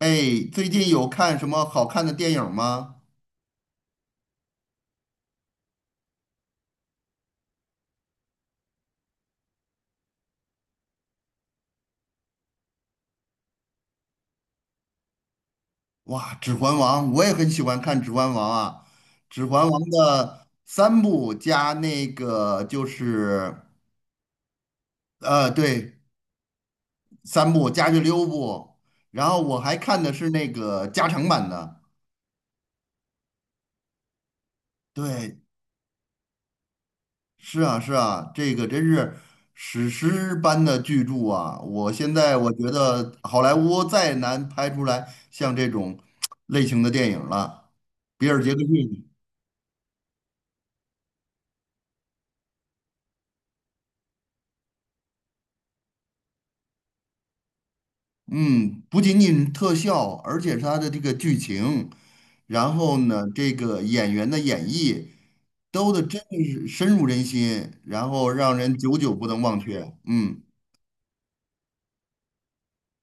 哎，最近有看什么好看的电影吗？哇，《指环王》，我也很喜欢看《指环王》啊，《指环王》的三部加那个就是对，三部加去六部，然后我还看的是那个加长版的。对，是啊，是啊，这个真是史诗般的巨著啊！我现在我觉得好莱坞再难拍出来像这种类型的电影了，比尔·杰克逊。嗯，不仅仅特效，而且是它的这个剧情，然后呢，这个演员的演绎，都的真的是深入人心，然后让人久久不能忘却。嗯，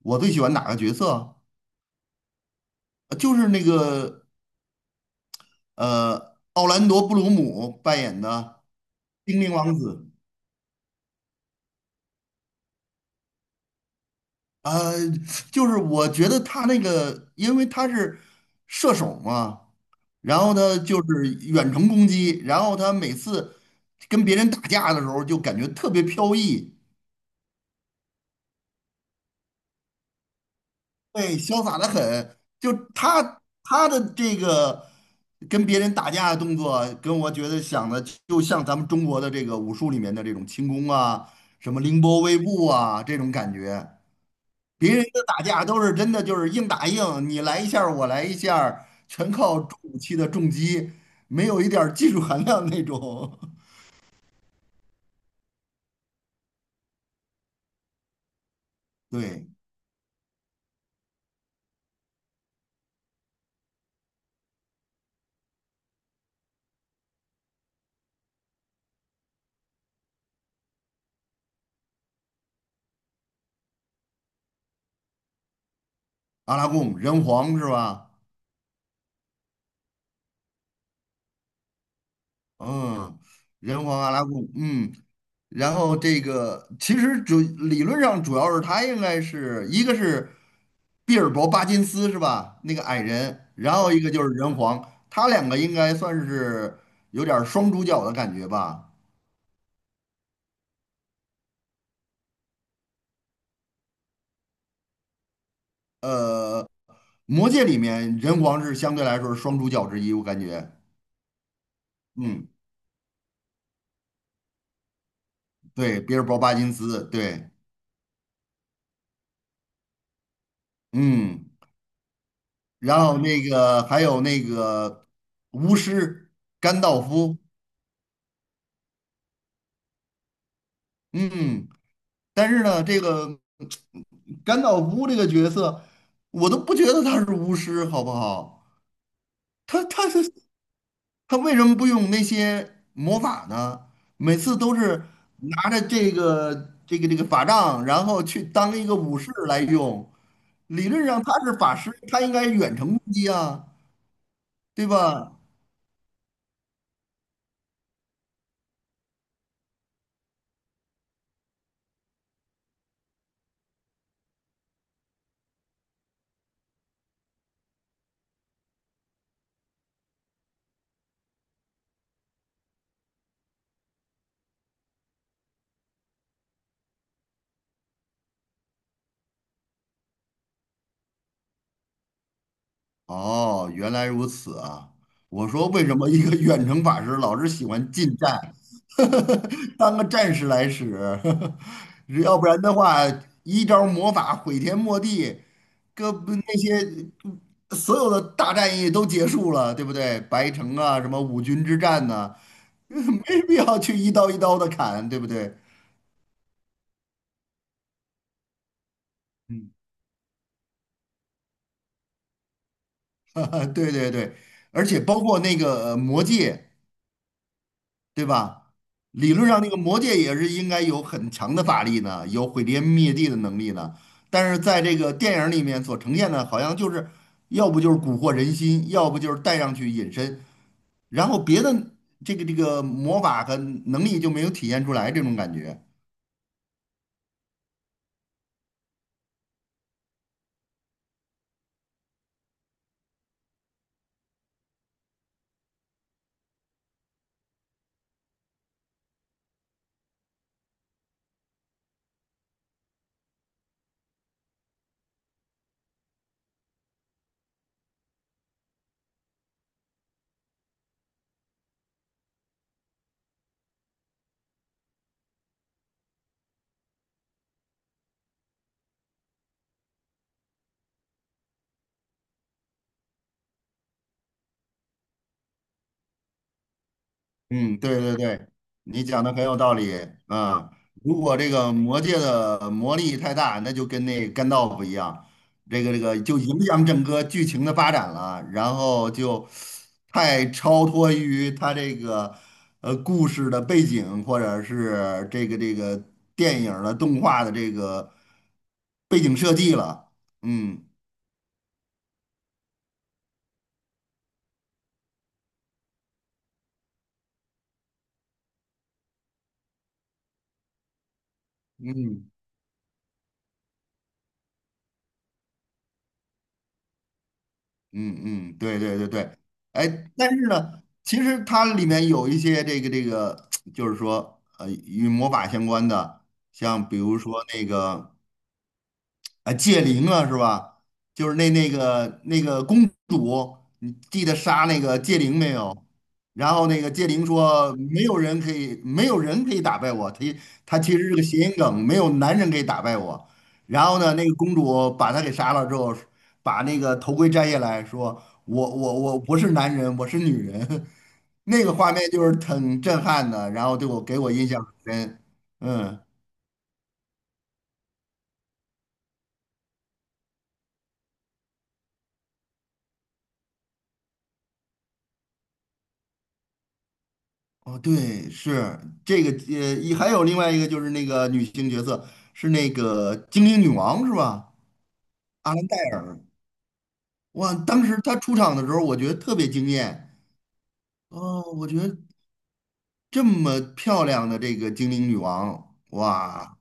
我最喜欢哪个角色？就是那个奥兰多·布鲁姆扮演的精灵王子。呃，就是我觉得他那个，因为他是射手嘛，然后呢就是远程攻击，然后他每次跟别人打架的时候就感觉特别飘逸，对，潇洒的很。就他的这个跟别人打架的动作，跟我觉得想的就像咱们中国的这个武术里面的这种轻功啊，什么凌波微步啊这种感觉。别人的打架都是真的，就是硬打硬，你来一下儿我来一下儿全靠重武器的重击，没有一点儿技术含量那种。对，阿拉贡人皇是吧？嗯，人皇阿拉贡，嗯，然后这个其实主理论上主要是他应该是一个是毕尔博巴金斯是吧？那个矮人，然后一个就是人皇，他两个应该算是有点儿双主角的感觉吧。呃。魔戒里面人皇是相对来说是双主角之一，我感觉，嗯，对，比尔博·巴金斯，对，嗯，然后那个还有那个巫师甘道夫，嗯，但是呢，这个甘道夫这个角色，我都不觉得他是巫师，好不好？他他是他为什么不用那些魔法呢？每次都是拿着这个法杖，然后去当一个武士来用。理论上他是法师，他应该远程攻击啊，对吧？哦，原来如此啊！我说为什么一个远程法师老是喜欢近战，当个战士来使，要不然的话，一招魔法毁天没地，各不那些所有的大战役都结束了，对不对？白城啊，什么五军之战呐、没必要去一刀一刀的砍，对不对？嗯。对对对，而且包括那个魔戒，对吧？理论上那个魔戒也是应该有很强的法力呢，有毁天灭地的能力呢。但是在这个电影里面所呈现的，好像就是要不就是蛊惑人心，要不就是带上去隐身，然后别的这个魔法和能力就没有体现出来这种感觉。嗯，对对对，你讲的很有道理。啊！如果这个魔界的魔力太大，那就跟那干豆腐一样，这个就影响整个剧情的发展了，然后就太超脱于他这个故事的背景，或者是这个电影儿的动画的这个背景设计了。嗯嗯，嗯嗯，对对对对，哎，但是呢，其实它里面有一些这个，就是说，与魔法相关的，像比如说那个啊，戒灵啊，是吧？就是那个公主，你记得杀那个戒灵没有？然后那个戒灵说，没有人可以，没有人可以打败我。他其实是个谐音梗，没有男人可以打败我。然后呢，那个公主把他给杀了之后，把那个头盔摘下来说，我不是男人，我是女人。那个画面就是挺震撼的，然后对我给我印象很深。嗯。哦，对，是这个，一还有另外一个就是那个女性角色是那个精灵女王是吧？阿兰戴尔，哇，当时她出场的时候，我觉得特别惊艳。哦，我觉得这么漂亮的这个精灵女王，哇，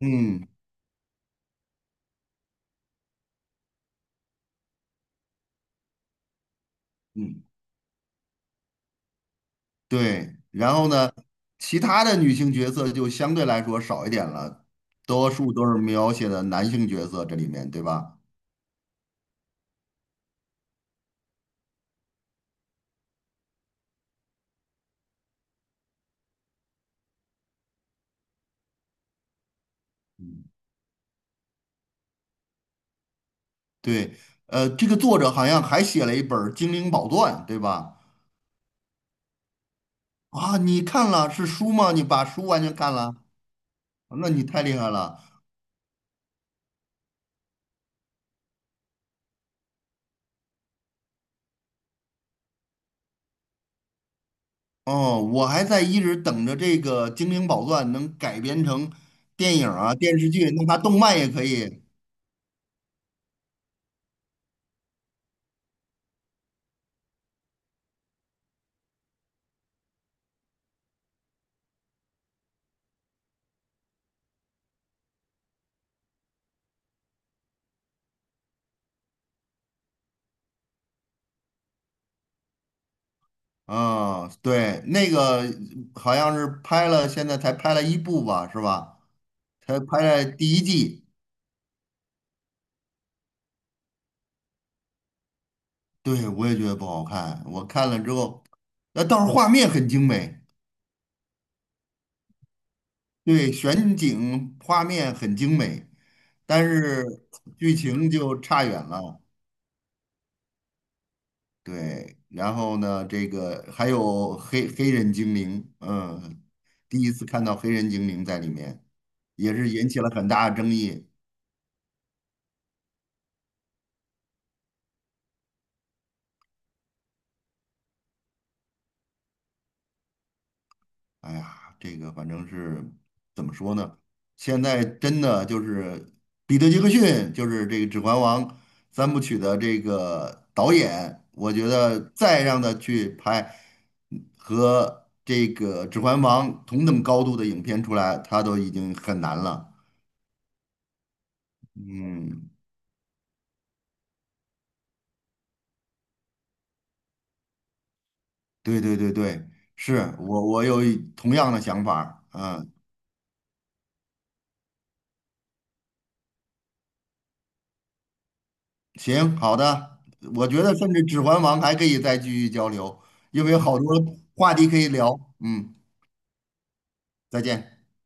嗯嗯，对。然后呢，其他的女性角色就相对来说少一点了，多数都是描写的男性角色这里面，对吧？嗯。对，这个作者好像还写了一本儿《精灵宝钻》，对吧？啊，你看了是书吗？你把书完全看了，那你太厉害了。哦，我还在一直等着这个《精灵宝钻》能改编成电影儿啊、电视剧，那它动漫也可以。啊，对，那个好像是拍了，现在才拍了一部吧，是吧？才拍了第一季。对，我也觉得不好看，我看了之后，那倒是画面很精美。对，选景画面很精美，但是剧情就差远了。对，然后呢，这个还有黑人精灵，嗯，第一次看到黑人精灵在里面，也是引起了很大的争议。哎呀，这个反正是怎么说呢？现在真的就是彼得·杰克逊，就是这个《指环王》三部曲的这个导演，我觉得再让他去拍和这个《指环王》同等高度的影片出来，他都已经很难了。嗯，对对对对，是我有一同样的想法儿，嗯。行，好的，我觉得甚至《指环王》还可以再继续交流，因为有好多话题可以聊。嗯，再见。